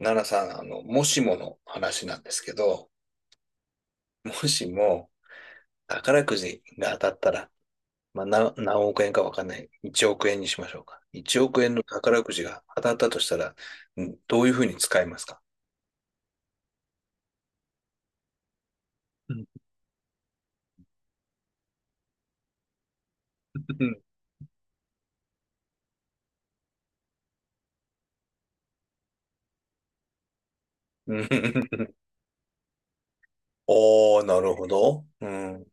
奈良さん、もしもの話なんですけど、もしも宝くじが当たったら、まあ、何億円かわかんない。1億円にしましょうか。1億円の宝くじが当たったとしたら、どういうふうに使いますか？うんうん。 おー、なるほど。うん、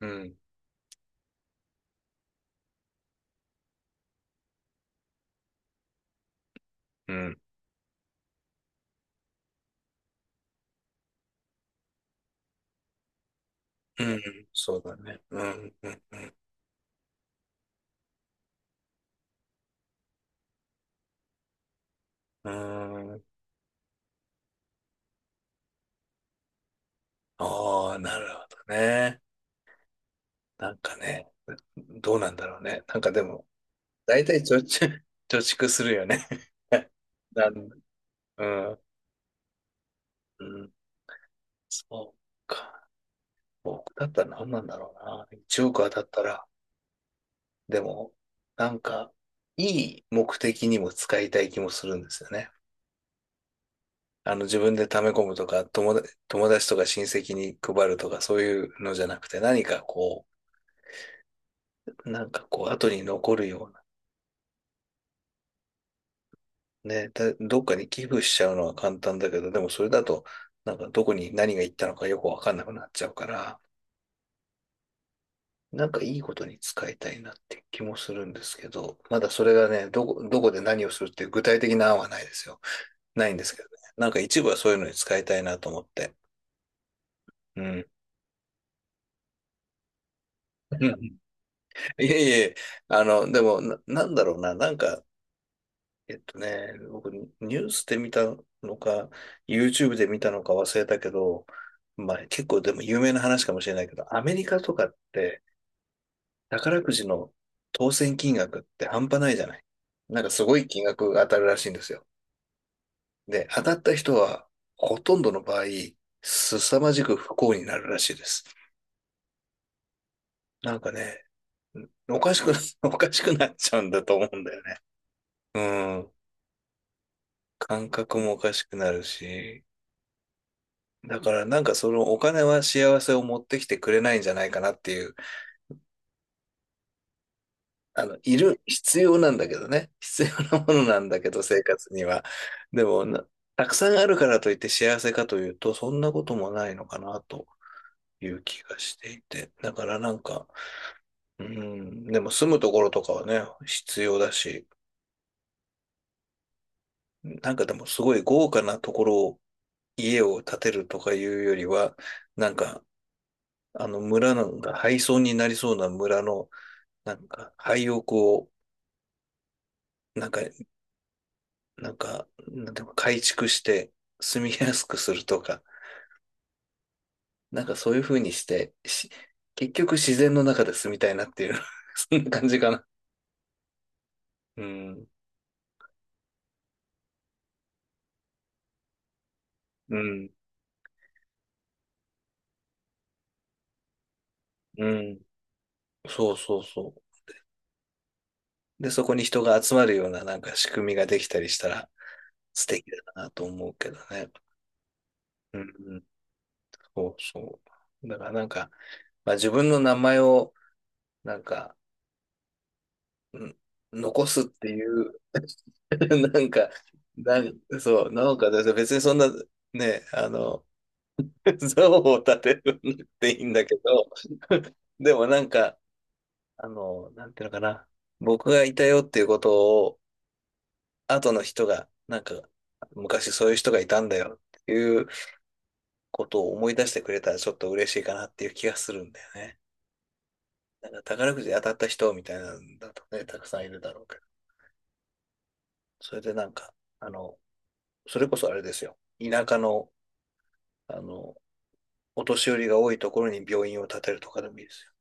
うん、うん、うん、そうだね。うん、うん、うん。あー、なるほどね。なんかね、どうなんだろうね。なんかでも、大体貯蓄、貯蓄するよね。なん、うん、うん、そうか。僕だったら何なんだろうな。1億当たったら、でも、なんか、いい目的にも使いたい気もするんですよね。自分で貯め込むとか、友達とか親戚に配るとか、そういうのじゃなくて、何かこう、なんかこう、後に残るような。ね、どっかに寄付しちゃうのは簡単だけど、でもそれだと、なんかどこに何が行ったのかよくわかんなくなっちゃうから、なんかいいことに使いたいなって気もするんですけど、まだそれがね、どこで何をするっていう具体的な案はないですよ。ないんですけどね。なんか一部はそういうのに使いたいなと思って。うん。うん。いえいえ、でもな、なんだろうな、なんか、僕、ニュースで見たのか、YouTube で見たのか忘れたけど、まあ結構でも有名な話かもしれないけど、アメリカとかって、宝くじの当選金額って半端ないじゃない。なんかすごい金額が当たるらしいんですよ。で、当たった人はほとんどの場合、凄まじく不幸になるらしいです。なんかね、おかしくな、おかしくなっちゃうんだと思うんだよね。うん。感覚もおかしくなるし、だからなんかそのお金は幸せを持ってきてくれないんじゃないかなっていう必要なんだけどね。必要なものなんだけど、生活には。でもな、たくさんあるからといって幸せかというと、そんなこともないのかなという気がしていて。だからなんか、うん、でも住むところとかはね、必要だし、なんかでもすごい豪華なところを、家を建てるとかいうよりは、なんか、あの村なんか廃村になりそうな村の、なんか廃屋を、なんかなんか、なんていうか改築して住みやすくするとか、なんかそういう風にして、結局自然の中で住みたいなっていう そんな感じかな。うん、うん、うん。そうそうそう。で、そこに人が集まるようななんか仕組みができたりしたら素敵だなと思うけどね。うん、うん、そうそう。だからなんか、まあ、自分の名前をなんか、うん、残すっていう なんか、そう、なんか別にそんな、ね、像を立てるんっていいんだけど、でもなんか、なんていうのかな、僕がいたよっていうことを、後の人が、なんか、昔そういう人がいたんだよっていうことを思い出してくれたらちょっと嬉しいかなっていう気がするんだよね。なんか宝くじで当たった人みたいなんだとね、たくさんいるだろうけど、それでなんか、あの、それこそあれですよ、田舎の、あの、お年寄りが多いところに病院を建てるとかでもいいです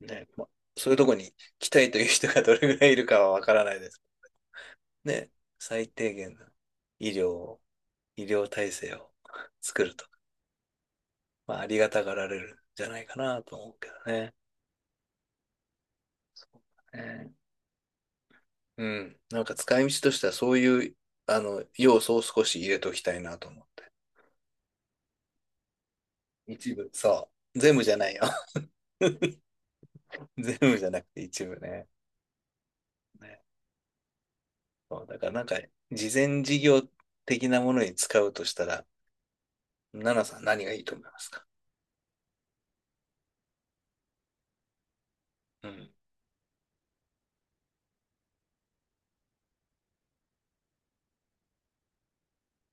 よ。ね。まあ、そういうところに来たいという人がどれぐらいいるかはわからないです。ね。最低限の医療を、医療体制を 作ると。まあ、ありがたがられるんじゃないかなと思うけどね。ね。うん。なんか使い道としてはそういう、要素を少し入れときたいなと思って。一部。そう。全部じゃないよ。全部じゃなくて一部ね。ね。そうだからなんか、事前事業的なものに使うとしたら、奈々さん何がいいと思いますか？うん。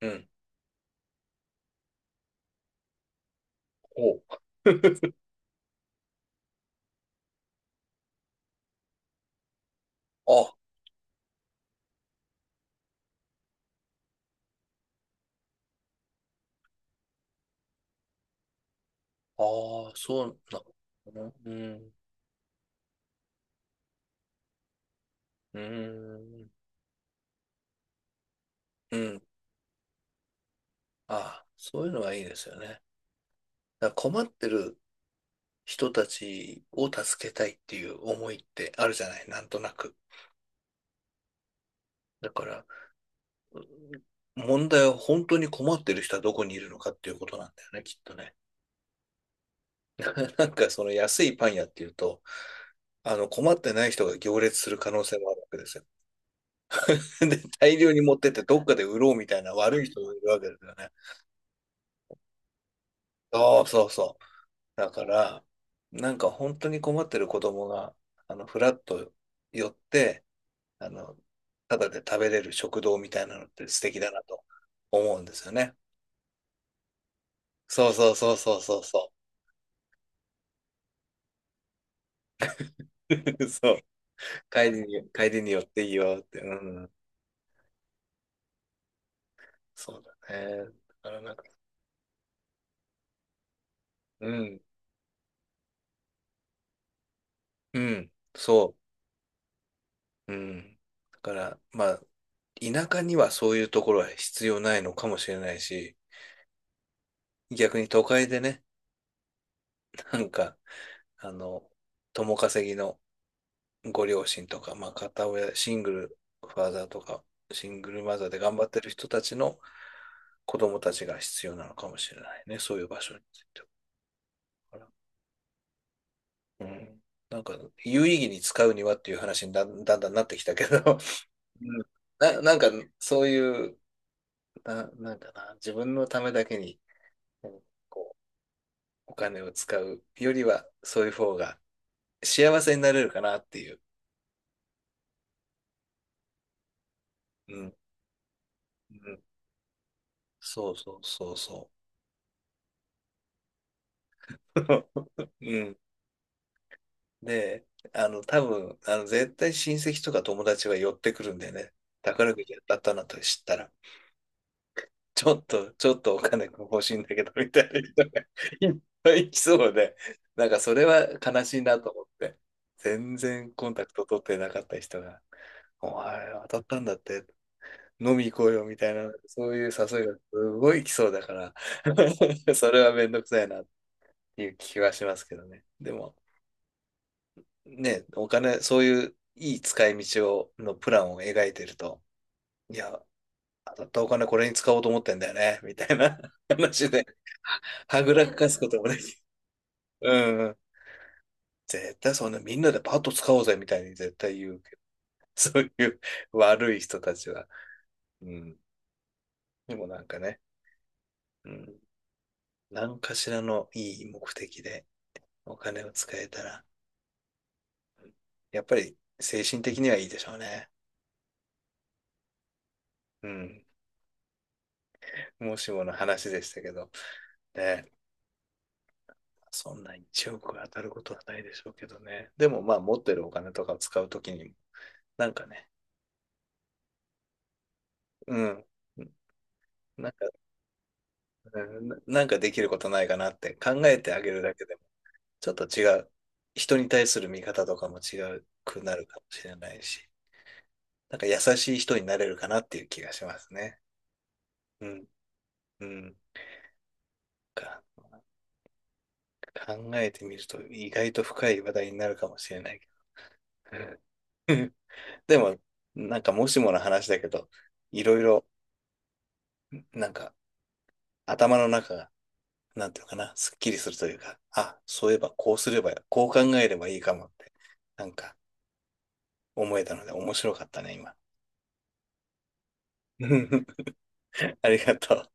うん。お あああ、そうなの。うん。うん。うん。ああ、そういうのはいいですよね。だから困ってる人たちを助けたいっていう思いってあるじゃない、なんとなく。だから、問題は本当に困ってる人はどこにいるのかっていうことなんだよね、きっとね。なんかその安いパン屋っていうと、困ってない人が行列する可能性もあるわけですよ。で、大量に持ってってどっかで売ろうみたいな悪い人がいるわけですよね。そうそうそう。だから、なんか本当に困ってる子供が、フラッと寄って、あの、ただで食べれる食堂みたいなのって素敵だなと思うんですよね。そうそうそうそうそうそう。そう。帰りに寄っていいよって。うん。そうだね。だからなんか、うん。うん。そう。うん。だから、まあ、田舎にはそういうところは必要ないのかもしれないし、逆に都会でね、なんか、あの、共稼ぎのご両親とか、まあ、片親、シングルファーザーとか、シングルマザーで頑張ってる人たちの子供たちが必要なのかもしれないね。そういう場所については。うん。なんか、有意義に使うにはっていう話にだんだんだんなってきたけど、うん。なんか、そういう、なんだな、自分のためだけにうんこう、お金を使うよりは、そういう方が幸せになれるかなっていう。うん。うん。そうそうそうそう。うん。で、多分、絶対親戚とか友達は寄ってくるんだよね。宝くじ当たったなと知ったら、ちょっとお金欲しいんだけど、みたいな人が いっぱい来そうで、なんかそれは悲しいなと思って、全然コンタクト取ってなかった人が、お前当たったんだって飲み行こうよみたいな、そういう誘いがすごい来そうだから それはめんどくさいなっていう気はしますけどね。でも、ね、お金、そういういい使い道を、のプランを描いてると、いや、当たったお金これに使おうと思ってんだよね、みたいな 話で、はぐらかすこともね、うんうん。絶対そんなみんなでパッと使おうぜみたいに絶対言うけど、そういう悪い人たちは。うん。でもなんかね、うん。何かしらのいい目的でお金を使えたら、やっぱり精神的にはいいでしょうね。うん。もしもの話でしたけど、ね、そんな1億当たることはないでしょうけどね。でもまあ持ってるお金とかを使うときに、なんかね、うん。なんか、うんなんかできることないかなって考えてあげるだけでも、ちょっと違う。人に対する見方とかも違うくなるかもしれないし、なんか優しい人になれるかなっていう気がしますね。うん。うん。か考えてみると意外と深い話題になるかもしれないけど。でも、なんかもしもの話だけど、いろいろ、なんか頭の中が、なんていうのかな、すっきりするというか、あ、そういえばこうすれば、こう考えればいいかもって、なんか思えたので面白かったね、今。ありがとう。